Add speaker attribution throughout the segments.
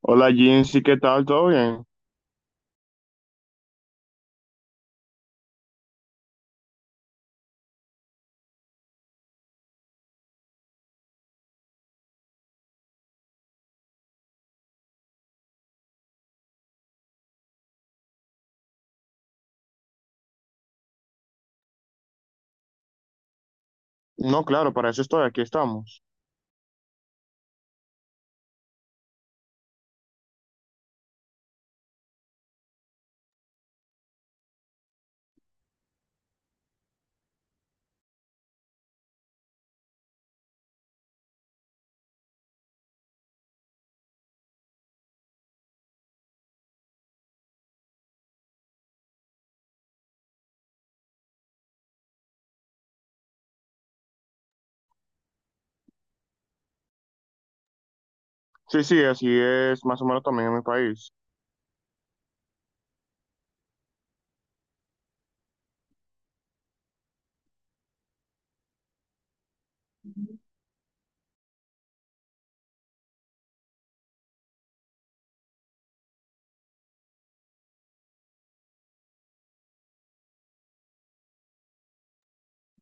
Speaker 1: Hola Jinsi, ¿qué tal? ¿Todo bien? No, claro, para eso estoy, aquí estamos. Sí, sí, así es más o menos también en mi país.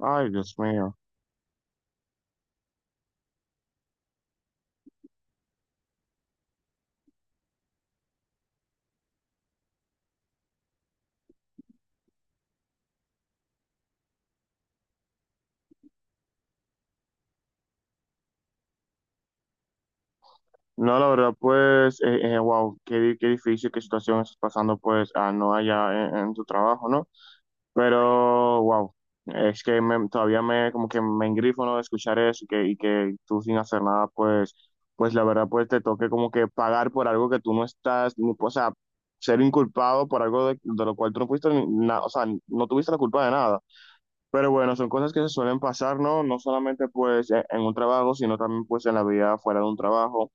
Speaker 1: Ay, Dios mío. No, la verdad, pues, wow, qué, qué difícil, qué situación estás pasando, pues, ah, no allá en tu trabajo, ¿no? Pero, wow, es que todavía me, como que me engrifo, ¿no? De escuchar eso y que tú sin hacer nada, pues, pues la verdad, pues te toque como que pagar por algo que tú no estás, o sea, ser inculpado por algo de lo cual tú no fuiste, ni na- o sea, no tuviste la culpa de nada. Pero bueno, son cosas que se suelen pasar, ¿no? No solamente pues en un trabajo, sino también pues en la vida fuera de un trabajo.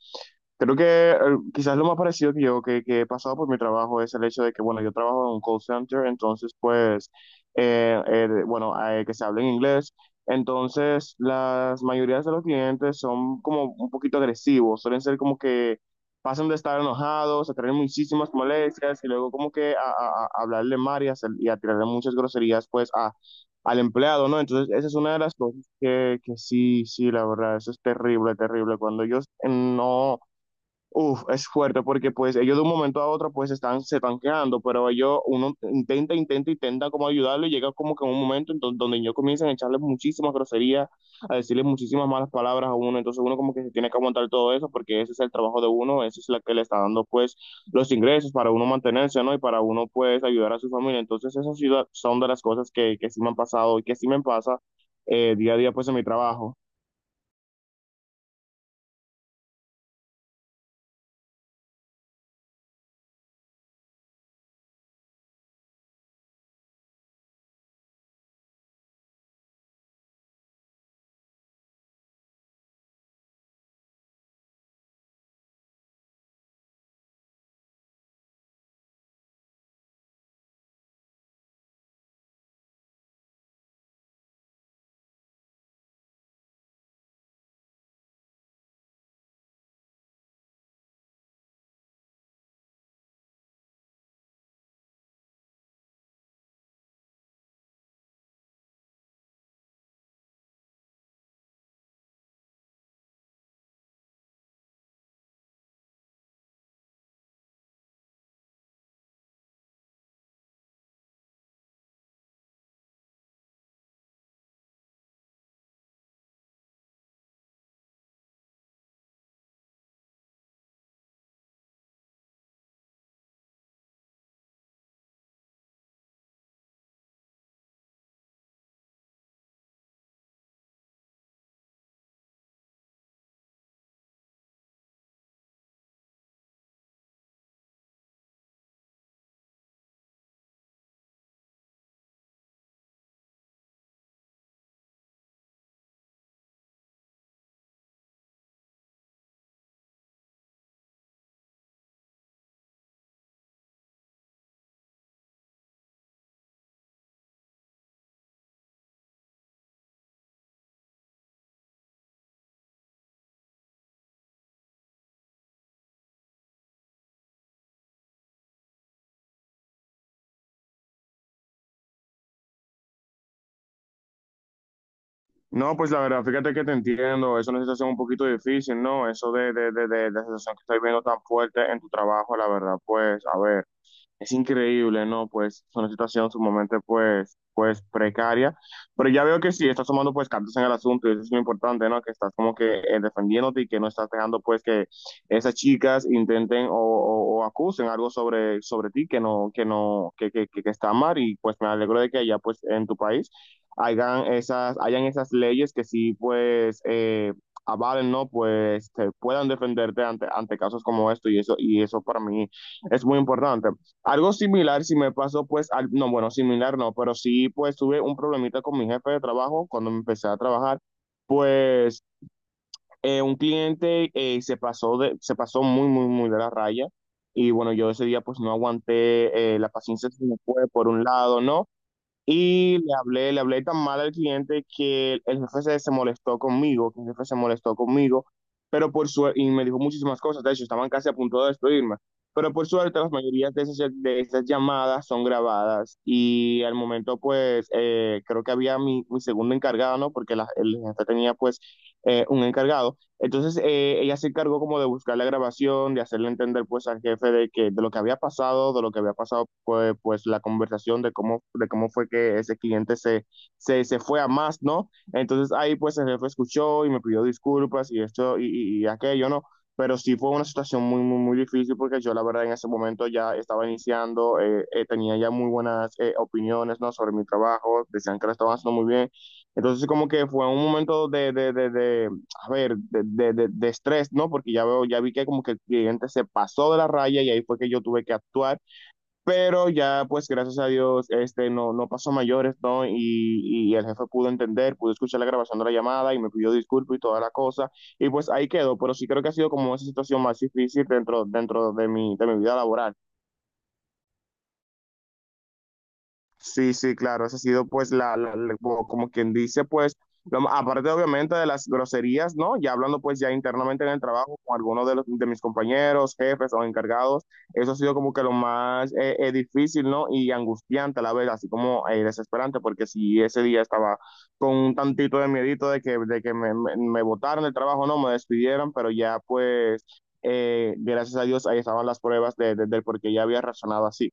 Speaker 1: Creo que quizás lo más parecido que he pasado por mi trabajo es el hecho de que, bueno, yo trabajo en un call center, entonces, pues, bueno, que se hable en inglés. Entonces, las mayorías de los clientes son como un poquito agresivos, suelen ser como que pasan de estar enojados a tener muchísimas molestias y luego como que a, a hablarle mal y a, y a tirarle muchas groserías, pues, a, al empleado, ¿no? Entonces, esa es una de las cosas que sí, sí, la verdad, eso es terrible, terrible. Cuando ellos no... Uf, es fuerte porque pues ellos de un momento a otro pues están, se están quejando, pero ellos, uno intenta, intenta, intenta como ayudarlo y llega como que en un momento en donde ellos comienzan a echarle muchísimas groserías, a decirles muchísimas malas palabras a uno, entonces uno como que se tiene que aguantar todo eso porque ese es el trabajo de uno, eso es la que le está dando pues los ingresos para uno mantenerse, ¿no? Y para uno pues ayudar a su familia, entonces esas son de las cosas que sí me han pasado y que sí me pasa día a día pues en mi trabajo. No, pues la verdad, fíjate que te entiendo, es una situación un poquito difícil, ¿no? Eso de, de la situación que estoy viendo tan fuerte en tu trabajo, la verdad, pues, a ver, es increíble, ¿no? Pues es una situación sumamente, pues, pues precaria, pero ya veo que sí, estás tomando, pues, cartas en el asunto y eso es lo importante, ¿no? Que estás como que defendiéndote y que no estás dejando, pues, que esas chicas intenten o, o acusen algo sobre, sobre ti que no, que no, que está mal y pues me alegro de que allá, pues, en tu país hagan esas, hayan esas leyes que sí, pues, avalen, ¿no? Pues, te puedan defenderte ante, ante casos como esto y eso para mí es muy importante. Algo similar, si me pasó, pues, al, no, bueno, similar no, pero sí, pues, tuve un problemita con mi jefe de trabajo cuando me empecé a trabajar. Pues, un cliente se pasó de, se pasó muy, muy, muy de la raya. Y bueno, yo ese día pues no aguanté la paciencia que me fue por un lado, ¿no? Y le hablé tan mal al cliente que el, jefe se, se molestó conmigo, que el jefe se molestó conmigo, pero por suerte, y me dijo muchísimas cosas, de hecho, estaban casi a punto de despedirme, pero por suerte las mayorías de esas llamadas son grabadas y al momento pues creo que había mi, mi segundo encargado, ¿no? Porque la, el jefe tenía pues un encargado. Entonces ella se encargó como de buscar la grabación, de hacerle entender pues al jefe de que de lo que había pasado, de lo que había pasado pues, pues la conversación de cómo fue que ese cliente se, se, se fue a más, ¿no? Entonces ahí pues el jefe escuchó y me pidió disculpas y esto y aquello, ¿no? Pero sí fue una situación muy, muy, muy difícil porque yo la verdad en ese momento ya estaba iniciando, tenía ya muy buenas opiniones, ¿no? Sobre mi trabajo, decían que lo estaba haciendo muy bien. Entonces como que fue un momento de, de a ver, de, de estrés, ¿no? Porque ya veo, ya vi que como que el cliente se pasó de la raya y ahí fue que yo tuve que actuar, pero ya pues gracias a Dios, este, no, no pasó mayores, ¿no? Y el jefe pudo entender, pudo escuchar la grabación de la llamada y me pidió disculpas y toda la cosa, y pues ahí quedó, pero sí creo que ha sido como esa situación más difícil dentro, dentro de mi vida laboral. Sí, sí, claro, esa ha sido pues la, como como quien dice pues, aparte obviamente de las groserías, ¿no? Ya hablando pues ya internamente en el trabajo con algunos de, los, de mis compañeros, jefes o encargados, eso ha sido como que lo más difícil, ¿no? Y angustiante a la vez, así como desesperante, porque si ese día estaba con un tantito de miedito de que me botaran del trabajo, no, me despidieran, pero ya pues, gracias a Dios ahí estaban las pruebas de, del por qué ya había razonado así.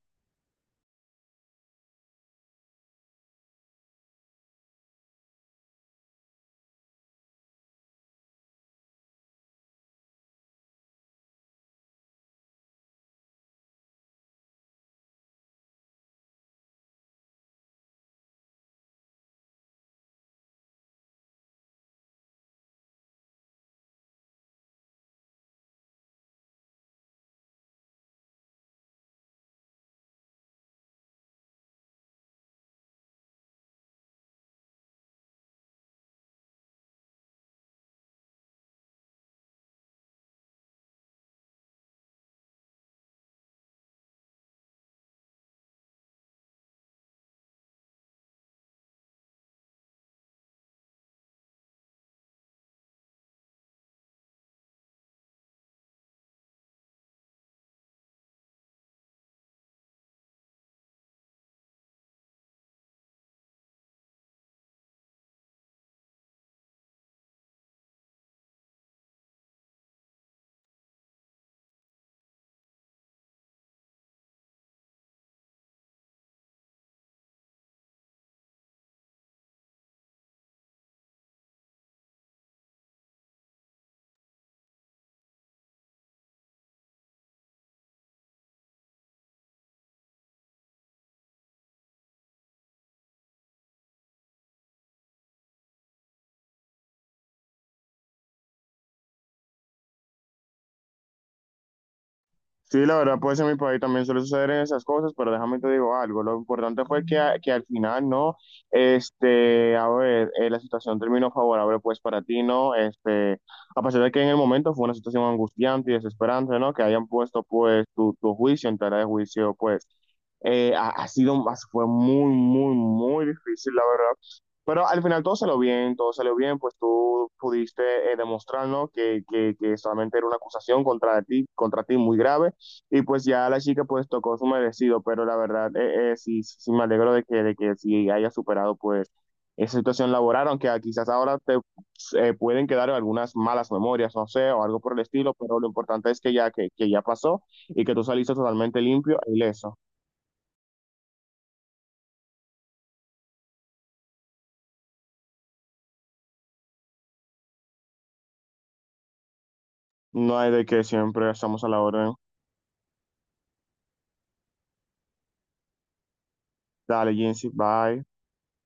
Speaker 1: Sí, la verdad, pues en mi país también suele suceder esas cosas, pero déjame te digo algo. Lo importante fue que, que al final, ¿no? Este, a ver, la situación terminó favorable, pues para ti, ¿no? Este, a pesar de que en el momento fue una situación angustiante y desesperante, ¿no? Que hayan puesto, pues, tu juicio en tela de juicio, pues. Ha sido, fue muy, muy, muy difícil, la verdad. Pero al final todo salió bien, pues tú pudiste demostrarnos que, que solamente era una acusación contra ti muy grave, y pues ya la chica pues tocó su merecido, pero la verdad sí, sí me alegro de que sí haya superado pues esa situación laboral, aunque ah, quizás ahora te pueden quedar algunas malas memorias, no sé, o algo por el estilo, pero lo importante es que ya pasó y que tú saliste totalmente limpio e ileso. No hay de que siempre estamos a la orden. Dale, Jensi, bye.